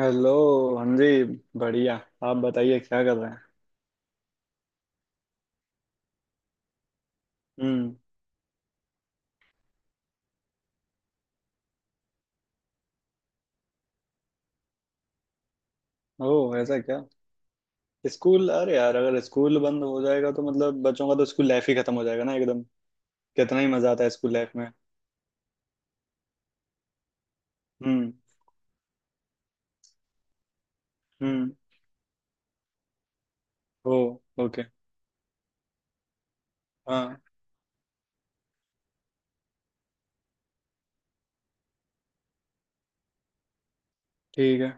Hello. हाँ जी। बढ़िया। आप बताइए क्या कर रहे हैं। हम्म। ओह ऐसा क्या। स्कूल, अरे यार अगर स्कूल बंद हो जाएगा तो मतलब बच्चों का तो स्कूल लाइफ ही खत्म हो जाएगा ना एकदम। कितना ही मजा आता है स्कूल लाइफ में। हम्म हम्म। Oh okay. हाँ। ठीक है।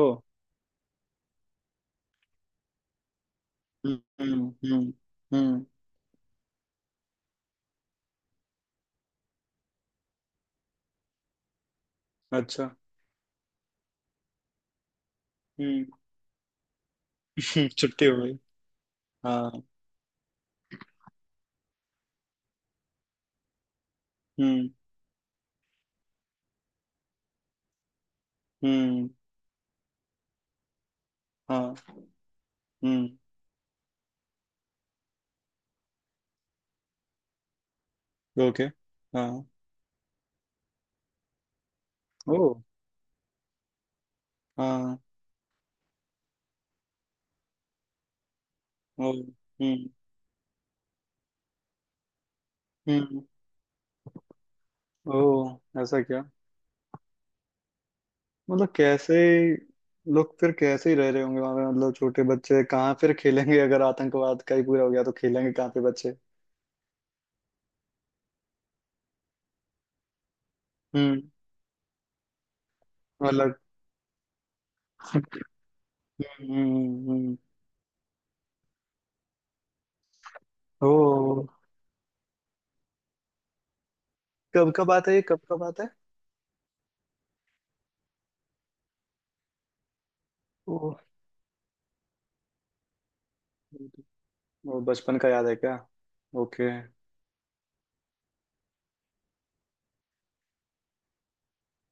ओह। हम्म हम्म हम्म हम्म, अच्छा। हम्म। छुट्टी हो गई। हाँ। हम्म हम्म। हाँ। हम्म। ओके। हाँ। ओह। हाँ। ओह। हम्म हम्म। ओह ऐसा क्या। मतलब कैसे। लोग फिर कैसे ही रह रहे होंगे वहां पे, मतलब छोटे बच्चे कहाँ फिर खेलेंगे अगर आतंकवाद का ही पूरा हो गया तो खेलेंगे कहाँ पे बच्चे। हम्म। मतलब। हम्म हम्म। ओ, कब का बात है ये, कब का बात है। ओ, वो बचपन का याद है क्या। ओके।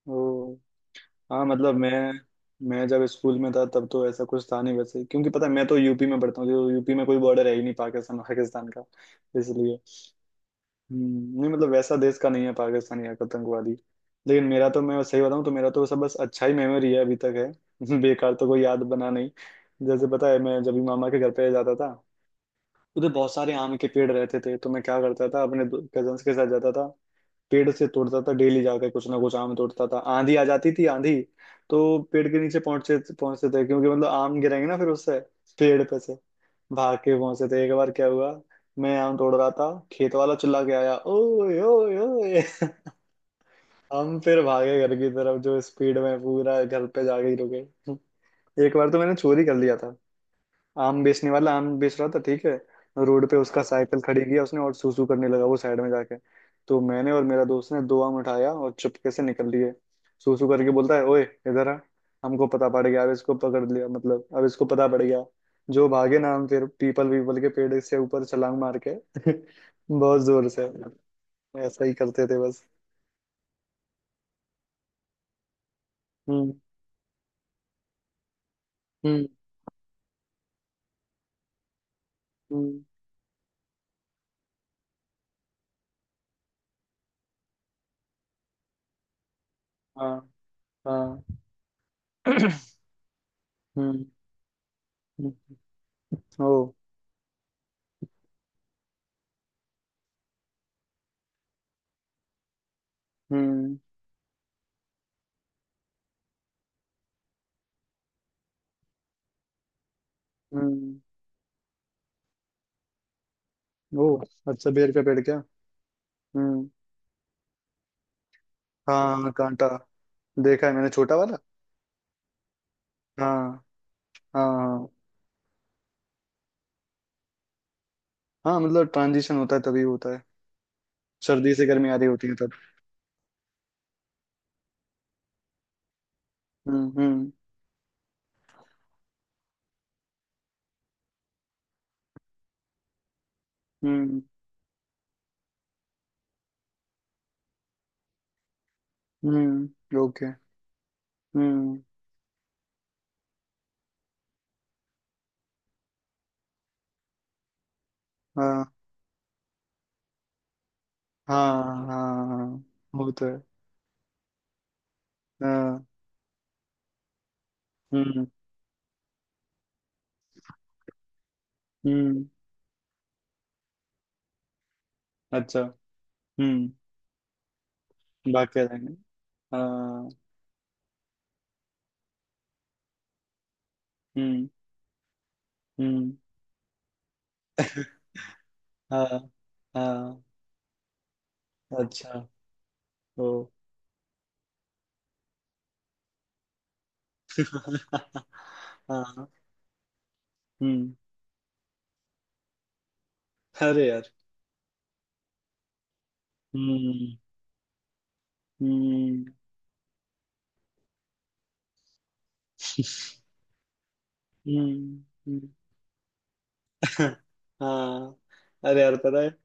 ओ। हाँ मतलब मैं जब स्कूल में था तब तो ऐसा कुछ था नहीं वैसे, क्योंकि पता है मैं तो यूपी में पढ़ता हूँ, जो यूपी में कोई बॉर्डर है ही नहीं पाकिस्तान पाकिस्तान का इसलिए। नहीं मतलब वैसा देश का नहीं है पाकिस्तान या आतंकवादी। लेकिन मेरा तो, मैं सही बताऊं तो मेरा तो सब बस अच्छा ही मेमोरी है अभी तक है बेकार तो कोई याद बना नहीं। जैसे पता है मैं जब भी मामा के घर पे जाता था, उधर बहुत सारे आम के पेड़ रहते थे, तो मैं क्या करता था अपने कजन्स के साथ जाता था, पेड़ से तोड़ता था, डेली जाकर कुछ ना कुछ आम तोड़ता था। आंधी आ जाती थी, आंधी तो पेड़ के नीचे पहुंचते पहुंचते थे क्योंकि मतलब आम गिरेंगे ना फिर उससे, पेड़ पे से भाग के पहुंचे थे। एक बार क्या हुआ, मैं आम तोड़ रहा था, खेत वाला चिल्ला के आया, ओए ओए ओए हम फिर भागे घर की तरफ, जो स्पीड में पूरा घर पे जाके ही रुके। एक बार तो मैंने चोरी कर लिया था, आम बेचने वाला आम बेच रहा था ठीक है, रोड पे उसका साइकिल खड़ी किया उसने और सूसू करने लगा वो साइड में जाके, तो मैंने और मेरा दोस्त ने दो आम उठाया और चुपके से निकल लिए। सूसू करके बोलता है, ओए, इधर आ। हमको पता पड़ गया, अब इसको पकड़ लिया, मतलब अब इसको पता पड़ गया। जो भागे ना हम, फिर पीपल पीपल के पेड़ से ऊपर छलांग मार के बहुत जोर से। ऐसा ही करते थे बस। हम्म हम्म हम्म। हाँ हाँ। हम्म हम्म, ओ। हम्म हम्म। ओ, अच्छा बेर का पेड़ क्या। हम्म। हाँ कांटा, देखा है मैंने छोटा वाला। हाँ हाँ हाँ। हाँ मतलब ट्रांजिशन होता है तभी होता है, सर्दी से गर्मी आ रही होती है तब। हम्म। हम्म ओके। हम्म। हाँ। हाँ हाँ हाँ, वो तो है। हाँ। हम्म हम्म, अच्छा। हम्म। बाकी रहेंगे। हाँ। हम्म हम्म हाँ। हाँ। अच्छा। ओ हाँ। हम्म। अरे यार। हम्म हम्म हम्म हम्म। हाँ। अरे यार पता है,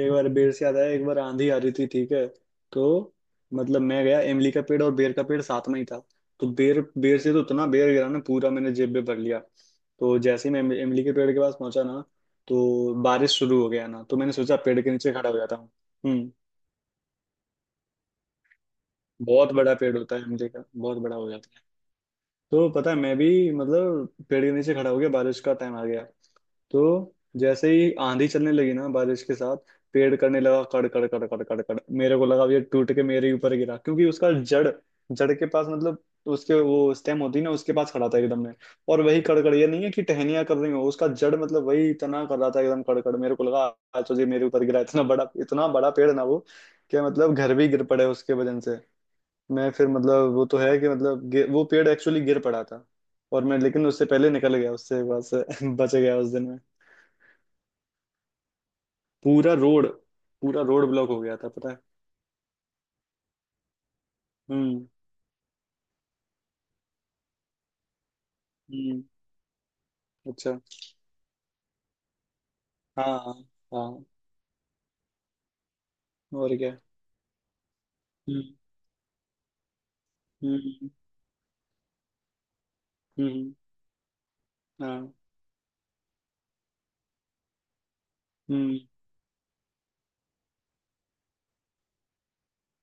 एक बार बेर से याद आया, एक बार आंधी आ रही थी ठीक है, तो मतलब मैं गया, इमली का पेड़ और बेर का पेड़ साथ में ही था। तो बेर बेर से तो उतना बेर गिरा ना, पूरा मैंने जेब में भर लिया। तो जैसे ही मैं इमली के पेड़ के पास पहुंचा ना, तो बारिश शुरू हो गया ना, तो मैंने सोचा पेड़ के नीचे खड़ा हो जाता हूँ। हम्म। बहुत बड़ा पेड़ होता है इमली का, बहुत बड़ा हो जाता है। तो पता है मैं भी, मतलब पेड़ के नीचे खड़ा हो गया, बारिश का टाइम आ गया। तो जैसे ही आंधी चलने लगी ना बारिश के साथ, पेड़ करने लगा कड़ कड़ कड़ कड़ कड़ कड़। मेरे को लगा अब ये टूट के मेरे ऊपर गिरा, क्योंकि उसका जड़, जड़ के पास मतलब, उसके वो स्टेम होती है ना उसके पास खड़ा था एकदम में। और वही कड़कड़, ये नहीं है कि टहनियां कर रही हो, उसका जड़ मतलब वही तना कर रहा था एकदम कड़कड़। मेरे को लगा आज तो ये मेरे ऊपर गिरा, इतना बड़ा पेड़ ना वो, कि मतलब घर भी गिर पड़े उसके वजन से। मैं फिर मतलब, वो तो है कि मतलब वो पेड़ एक्चुअली गिर पड़ा था, और मैं लेकिन उससे पहले निकल गया उससे, बस बच गया उस दिन में। पूरा रोड, पूरा रोड ब्लॉक हो गया था पता है। हम्म हम्म। अच्छा। हाँ हाँ हाँ, और क्या। हम्म हम्म हम्म। हाँ। हम्म।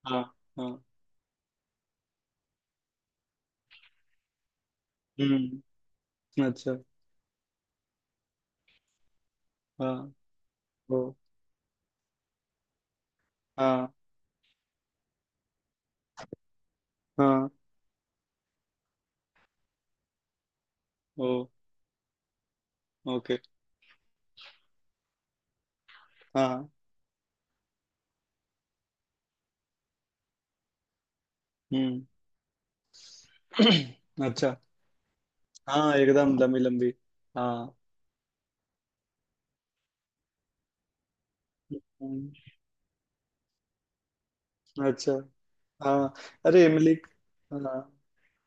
हाँ हाँ। हम्म। अच्छा। हाँ। ओ। हाँ हाँ। ओ। ओके। हाँ। हम्म। अच्छा। हाँ एकदम लंबी लंबी। हाँ। हम्म, अच्छा। हाँ। अरे इमली। हाँ,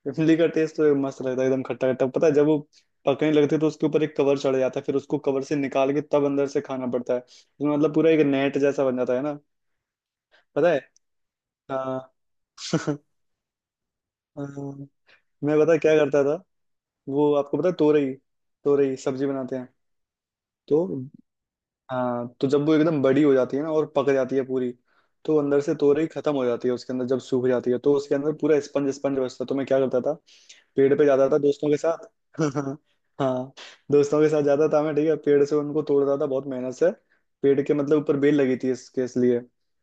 इमली का टेस्ट तो मस्त लगता है एकदम खट्टा खट्टा। पता है जब वो पकने लगते हैं, तो उसके ऊपर एक कवर चढ़ जाता है, फिर उसको कवर से निकाल के तब अंदर से खाना पड़ता है, तो मतलब पूरा एक नेट जैसा बन जाता है ना। पता है। हाँ हाँ, मैं पता है क्या करता था। वो आपको पता है तोरई, तोरई सब्जी बनाते हैं। तो हाँ, तो जब वो एकदम बड़ी हो जाती है ना और पक जाती है पूरी, तो अंदर से तोरई खत्म हो जाती है उसके अंदर, जब सूख जाती है तो उसके अंदर पूरा स्पंज स्पंज बचता है। तो मैं क्या करता था, पेड़ पे जाता था दोस्तों के साथ हाँ, दोस्तों के साथ जाता था मैं ठीक है, पेड़ से उनको तोड़ता था बहुत मेहनत से, पेड़ के मतलब ऊपर बेल लगी थी इसके इसलिए।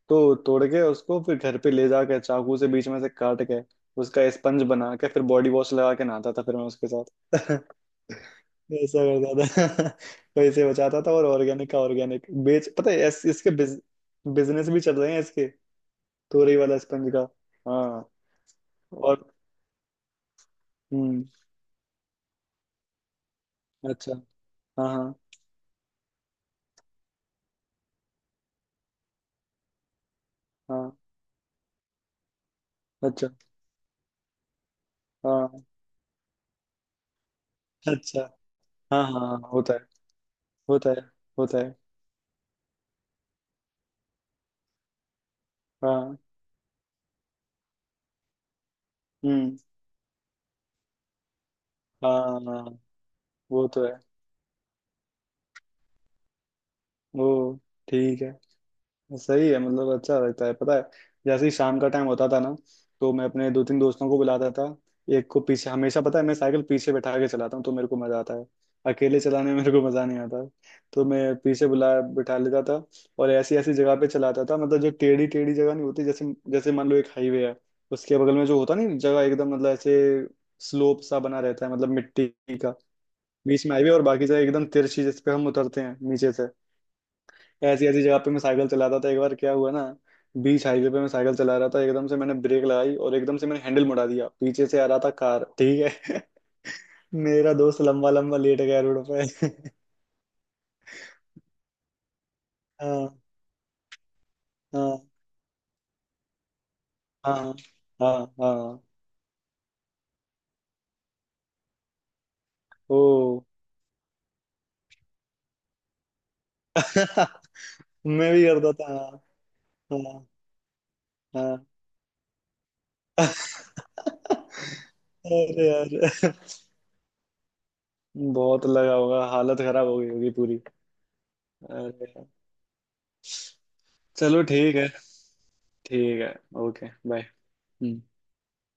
तो तोड़ के उसको फिर घर पे ले जाके चाकू से बीच में से काट के उसका स्पंज बना के फिर बॉडी वॉश लगा के नहाता था फिर मैं उसके साथ ऐसा करता था पैसे बचाता था, और ऑर्गेनिक का ऑर्गेनिक, बेच पता है इसके बिजनेस भी चल रहे हैं इसके, तोरई वाला स्पंज का। हाँ। और। हम्म, अच्छा। हाँ हाँ हाँ। अच्छा। हाँ। अच्छा। हाँ हाँ हाँ, होता है, होता है। होता है। हाँ। हम्म। हाँ हाँ। वो तो है। वो ठीक है, सही है मतलब, अच्छा लगता है पता है। जैसे ही शाम का टाइम होता था ना, तो मैं अपने दो तीन दोस्तों को बुलाता था, एक को पीछे हमेशा। पता है मैं साइकिल पीछे बैठा के चलाता हूँ तो मेरे को मजा आता है, अकेले चलाने में मेरे को मजा नहीं आता। तो मैं पीछे बुला बैठा लेता था, और ऐसी ऐसी जगह पे चलाता था, मतलब जो टेढ़ी टेढ़ी जगह नहीं होती जैसे जैसे मान लो एक हाईवे है, उसके बगल में जो होता नहीं, जगह एकदम मतलब ऐसे स्लोप सा बना रहता है मतलब मिट्टी का। बीच में हाईवे और बाकी जगह एकदम तिरछी, जिस पे हम उतरते हैं नीचे से। ऐसी ऐसी जगह पे मैं साइकिल चलाता था। एक बार क्या हुआ ना, बीच हाईवे पे मैं साइकिल चला रहा था, एकदम से मैंने ब्रेक लगाई और एकदम से मैंने हैंडल मुड़ा दिया, पीछे से आ रहा था कार ठीक है मेरा दोस्त लंबा लंबा लेट गया रोड पे हाँ हाँ हाँ हाँ हाँ। ओ मैं भी करता था। हाँ हाँ हाँ अरे यार, बहुत लगा होगा, हालत खराब हो गई होगी पूरी। अरे यार। चलो ठीक है। ठीक है। Okay bye.